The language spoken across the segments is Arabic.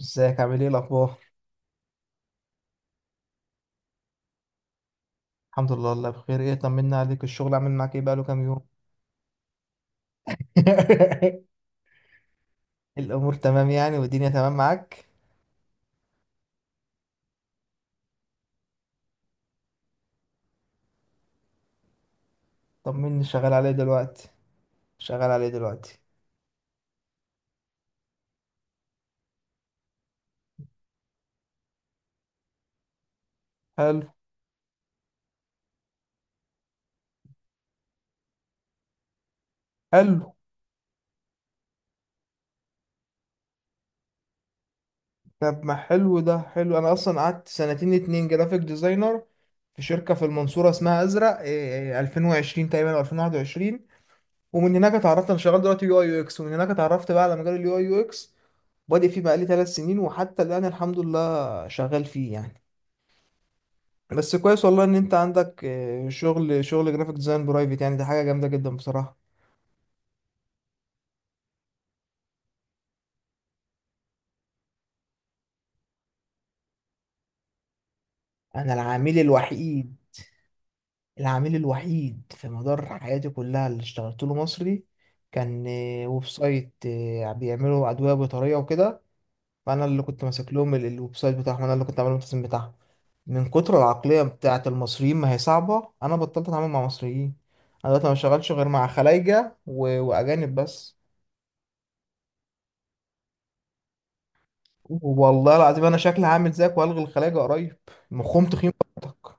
ازيك، عامل ايه، الاخبار؟ الحمد لله والله بخير. ايه، طمنا عليك، الشغل عامل معاك ايه؟ بقاله كام يوم؟ الامور تمام يعني، والدنيا تمام معاك؟ طمني، شغال عليه دلوقتي؟ شغال عليه دلوقتي؟ حلو. حلو. طب ما حلو، ده حلو. انا اصلا قعدت سنتين اتنين جرافيك ديزاينر في شركة في المنصورة اسمها ازرق، 2020 تقريبا او 2021. ومن هناك اتعرفت، انا شغال دلوقتي يو اي يو اكس، ومن هناك اتعرفت بقى على مجال اليو اي يو اكس. بادئ فيه بقالي 3 سنين، وحتى الآن الحمد لله شغال فيه يعني. بس كويس والله ان انت عندك شغل جرافيك ديزاين برايفت، يعني دي حاجه جامده جدا بصراحه. انا العميل الوحيد العميل الوحيد في مدار حياتي كلها اللي اشتغلت له مصري. كان ويب سايت بيعملوا ادويه بطاريه وكده. فانا اللي كنت ماسك لهم الويب سايت بتاعهم، انا اللي كنت عامل التصميم بتاعهم. من كتر العقليه بتاعه المصريين، ما هي صعبه، انا بطلت اتعامل مع مصريين. انا دلوقتي ما بشتغلش غير مع خلايجه واجانب بس. والله العظيم انا شكلي هعمل زيك والغي الخلاجه قريب. مخهم تخين برضك.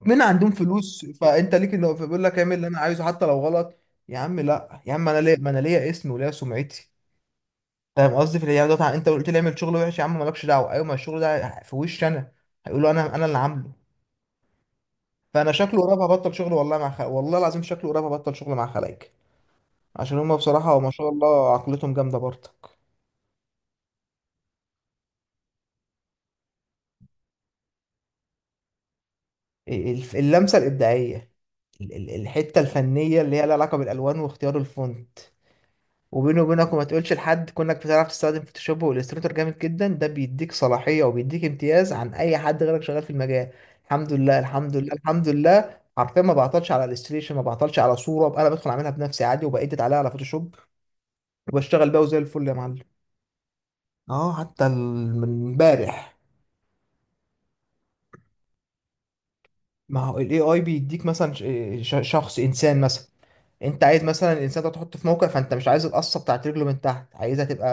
من عندهم فلوس فانت ليك، اللي هو فبيقول لك اعمل اللي انا عايزه حتى لو غلط. يا عم لا، يا عم انا ليا، ما انا ليا اسمي وليا سمعتي. فاهم قصدي؟ في الايام دوت انت قلت لي اعمل شغل وحش، يا عم مالكش دعوه. ايوه، ما الشغل ده في وشي انا. هيقولوا انا اللي عامله. فانا شكله قريب هبطل شغل والله مع والله العظيم شكله قريب هبطل شغل مع خلايك. عشان هم بصراحه ما شاء الله عقلتهم جامده برضك. اللمسة الإبداعية. الحتة الفنية اللي هي لها علاقة بالألوان واختيار الفونت. وبيني وبينك وما تقولش لحد، كونك بتعرف تستخدم فوتوشوب والستريتور جامد جدا، ده بيديك صلاحية وبيديك امتياز عن أي حد غيرك شغال في المجال. الحمد لله، الحمد لله، الحمد لله، حرفيا ما بعطلش على الستريشن، ما بعطلش على صورة، أنا بدخل أعملها بنفسي عادي وبأديت عليها على فوتوشوب، وبشتغل بيها وزي الفل يا معلم. اه، حتى من امبارح. ما هو الاي اي بيديك مثلا شخص انسان مثلا. انت عايز مثلا الانسان ده تحطه في موقع فانت مش عايز القصه بتاعت رجله من تحت، عايزها تبقى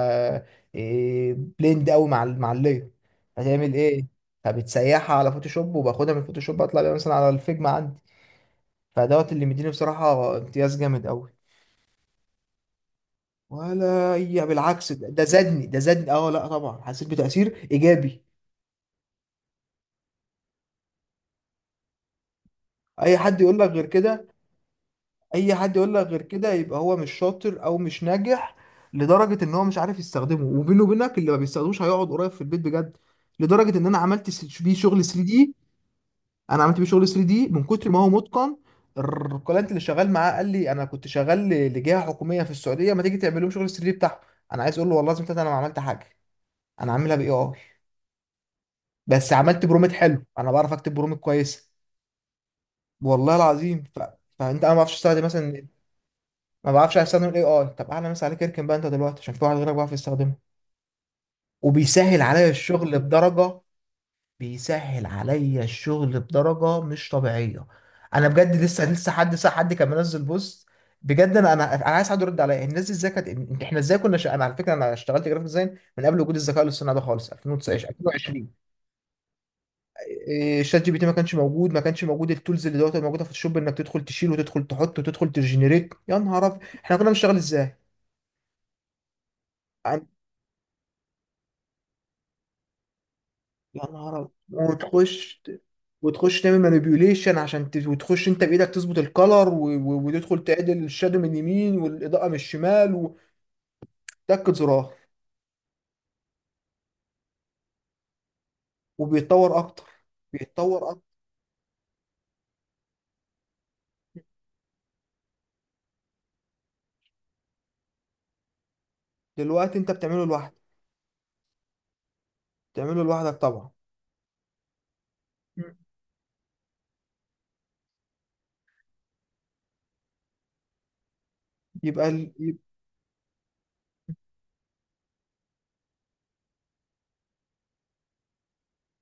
إيه، بليند قوي مع مع اللير. هتعمل ايه؟ فبتسيحها على فوتوشوب وباخدها من فوتوشوب اطلع بيها مثلا على الفيجما عندي. فدوت اللي مديني بصراحه امتياز جامد قوي. ولا هي بالعكس، ده زادني، ده زادني، اه لا طبعا حسيت بتاثير ايجابي. اي حد يقول لك غير كده، اي حد يقول لك غير كده يبقى هو مش شاطر او مش ناجح. لدرجه ان هو مش عارف يستخدمه، وبينه وبينك اللي ما بيستخدموش هيقعد قريب في البيت بجد. لدرجه ان انا عملت بيه شغل 3 دي. انا عملت بيه شغل 3 دي من كتر ما هو متقن. الكلاينت اللي شغال معاه قال لي: انا كنت شغال لجهه حكوميه في السعوديه، ما تيجي تعمل لهم شغل 3 دي بتاعهم. انا عايز اقول له والله لازم، انا ما عملت حاجه، انا عاملها باي اي، بس عملت برومت حلو، انا بعرف اكتب برومت كويسه. والله العظيم فانت، انا ما اعرفش استخدم مثلا، ما بعرفش استخدم الاي اي. طب اعلى مثال عليك، اركن بقى انت دلوقتي عشان في واحد غيرك بيعرف يستخدمه وبيسهل عليا الشغل بدرجه. بيسهل عليا الشغل بدرجه مش طبيعيه. انا بجد لسه لسه، حد ساعه حد كان منزل بوست، بجد انا عايز حد يرد عليا الناس دي ازاي كانت. احنا ازاي كنا انا على فكره انا اشتغلت جرافيك ديزاين من قبل وجود الذكاء الاصطناعي ده خالص، 2019، 2020. شات جي بي تي ما كانش موجود، ما كانش موجود التولز اللي دلوقتي موجوده في الشوب، انك تدخل تشيل وتدخل تحط وتدخل تجنريت. يا نهار ابيض، احنا كنا بنشتغل ازاي؟ يا نهار أبيض. وتخش، وتخش تعمل مانيبيوليشن عشان وتخش انت بايدك تظبط الكلر وتدخل تعدل الشادو من اليمين والاضاءه من الشمال، وتاكد زرار. وبيتطور اكتر. بيتطور اكتر. دلوقتي انت بتعمله لوحدك. بتعمله لوحدك طبعا. مم. يبقى ال... يب-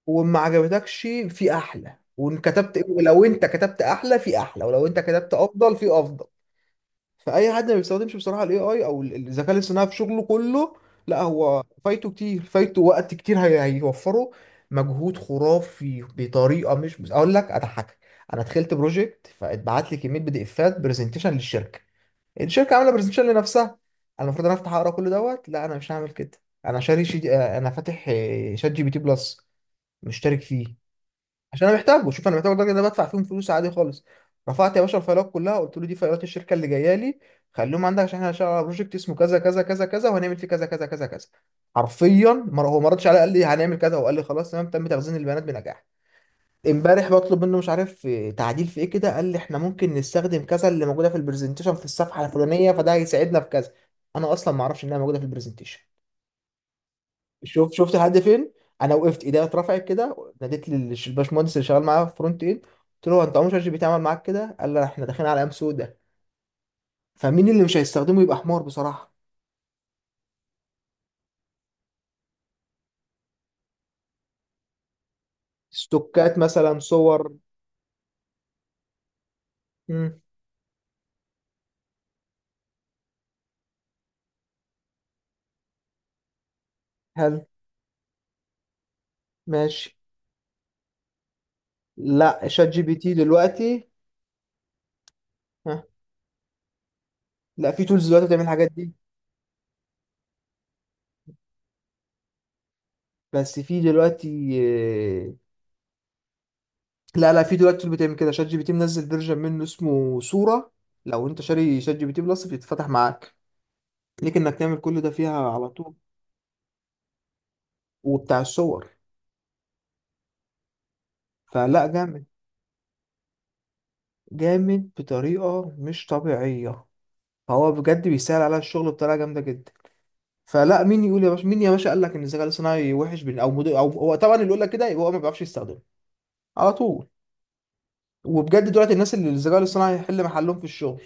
وما عجبتكش. في احلى، وان كتبت، لو انت كتبت احلى في احلى، ولو انت كتبت افضل في افضل. فاي حد ما بيستخدمش بصراحه الاي اي او الذكاء الاصطناعي في شغله كله، لا هو فايته كتير، فايته وقت كتير، هيوفره مجهود خرافي بطريقه مش، بس اقول لك اضحكك. انا دخلت بروجكت فاتبعت لي كميه بي دي افات، برزنتيشن للشركه، الشركه عامله برزنتيشن لنفسها. انا المفروض انا افتح اقرا كل دوت. لا، انا مش هعمل كده. انا شاري انا فاتح شات جي بي تي بلس، مشترك فيه، عشان انا محتاجه. شوف، انا محتاجه الراجل ده بدفع فيهم فلوس عادي خالص. رفعت يا باشا الفايلات كلها، قلت له دي فايلات الشركه اللي جايه لي، خليهم عندك عشان احنا هنشتغل على بروجكت اسمه كذا كذا كذا كذا، وهنعمل فيه كذا كذا كذا كذا. حرفيا هو ما ردش عليا، قال لي هنعمل كذا وقال لي خلاص تمام، تم تخزين البيانات بنجاح. امبارح بطلب منه مش عارف تعديل في ايه كده، قال لي احنا ممكن نستخدم كذا اللي موجوده في البرزنتيشن في الصفحه الفلانيه، فده هيساعدنا في كذا. انا اصلا ما اعرفش انها موجوده في البرزنتيشن. شوف، شفت لحد فين. انا وقفت ايديا اترفعت كده، ناديت للباشمهندس اللي شغال معايا فرونت اند، قلت له: هو انت عمرك شات جي بي تي عمل معاك كده؟ قال لي احنا داخلين على ايام سودة. فمين اللي مش هيستخدمه يبقى حمار بصراحه. ستوكات مثلا، صور. امم. هل. ماشي. لا، شات جي بي تي دلوقتي. ها. لا، في تولز دلوقتي بتعمل الحاجات دي. بس في دلوقتي لا لا، في دلوقتي tool بتعمل كده، شات جي بي تي منزل فيرجن منه اسمه صوره. لو انت شاري شات جي بي تي بلس بيتفتح معاك، ليك انك تعمل كل ده فيها على طول. وبتاع الصور. فلا، جامد. جامد بطريقة مش طبيعية. فهو بجد بيسهل على الشغل بطريقة جامدة جدا. فلا، مين يقول يا باشا، مين يا باشا قال لك ان الذكاء الاصطناعي وحش؟ بن او مدو او هو طبعا اللي يقول لك كده يبقى هو ما بيعرفش يستخدمه على طول. وبجد دلوقتي الناس اللي الذكاء الاصطناعي هيحل محلهم في الشغل.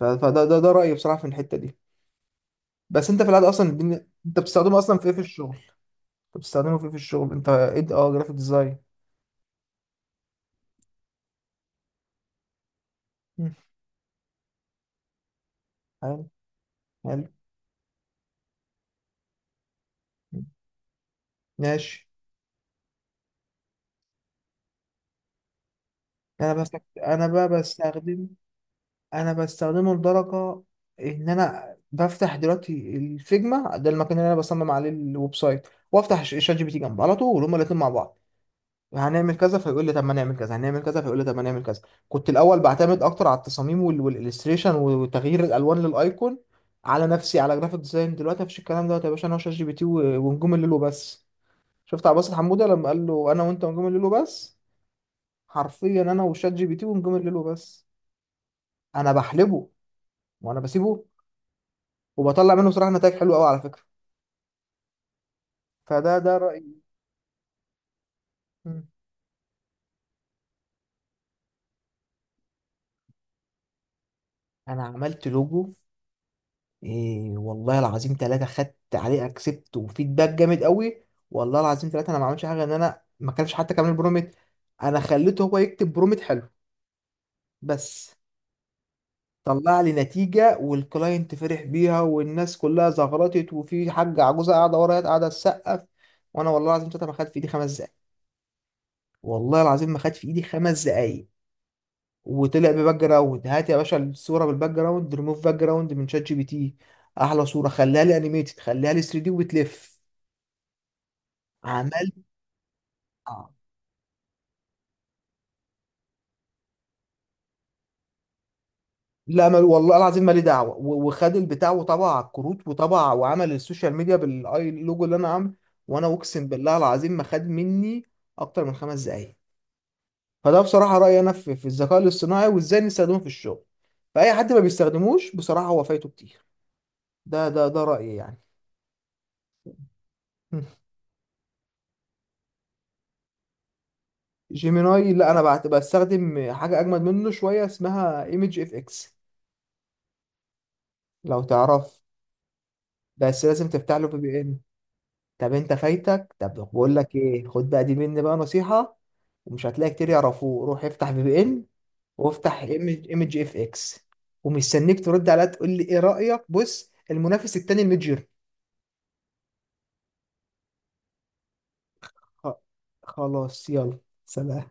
فده ده ده رأيي بصراحة في الحتة دي. بس انت في العاده اصلا انت بتستخدمه اصلا في ايه في الشغل؟ انت بتستخدمه في ايه في الشغل انت؟ ايه، اه، جرافيك ديزاين. مم. حلو. حلو. مم. ماشي. انا بس، انا بقى بستخدمه. انا بستخدمه لدرجه ان انا بفتح دلوقتي الفيجما، ده المكان اللي انا بصمم عليه الويب سايت، وافتح شات جي بي تي جنبه على طول، هما الاتنين مع بعض. هنعمل كذا فيقول لي طب ما نعمل كذا، هنعمل كذا فيقول لي طب ما نعمل كذا. كنت الاول بعتمد اكتر على التصاميم والالستريشن وتغيير الالوان للايكون، على نفسي على جرافيك ديزاين. دلوقتي مفيش الكلام دوت يا باشا، انا وشات جي بي تي ونجوم الليل وبس. شفت عباس حموده لما قال له انا وانت ونجوم الليل وبس؟ حرفيا انا وشات جي بي تي ونجوم الليل وبس. انا بحلبه وانا بسيبه، وبطلع منه بصراحه نتائج حلوه قوي على فكره. فده رايي. مم. انا عملت لوجو، إيه والله العظيم ثلاثه، خدت عليه اكسبت وفيدباك جامد قوي. والله العظيم ثلاثه، انا ما عملتش حاجه، ان انا ما كانش حتى كمان برومت، انا خليته هو يكتب برومت حلو بس، طلع لي نتيجه والكلاينت فرح بيها والناس كلها زغرطت وفي حاجه عجوزه قاعده ورايا قاعده تسقف. وانا والله العظيم ثلاثه ما خدت في ايدي 5 دقايق، والله العظيم ما خدت في ايدي خمس دقايق. وطلع بباك جراوند، هات يا باشا الصوره بالباك جراوند، ريموف باك جراوند من شات جي بي تي، احلى صوره، خليها لي انيميتد، خليها لي 3 دي وبتلف. عمل آه. لا، ما والله العظيم مالي دعوه وخد البتاع وطبع على الكروت وطبع وعمل السوشيال ميديا بالاي لوجو اللي انا عامله. وانا اقسم بالله العظيم ما خد مني اكتر من 5 دقايق. فده بصراحه رايي انا في الذكاء الاصطناعي وازاي نستخدمه في الشغل. فاي حد ما بيستخدموش بصراحه هو فايته كتير. ده رايي يعني. جيميناي، لا انا بعت بستخدم حاجه اجمد منه شويه اسمها ايمج اف اكس، لو تعرف. بس لازم تفتح له في بي ان. طب انت فايتك. طب بقول لك ايه، خد بقى دي مني بقى نصيحه، ومش هتلاقي كتير يعرفوه. روح افتح في بي ان وافتح ايمج اف اكس، ومستنيك ترد عليا تقول لي ايه رايك. بص المنافس التاني الميدجر. خ- خلاص، يلا سلام.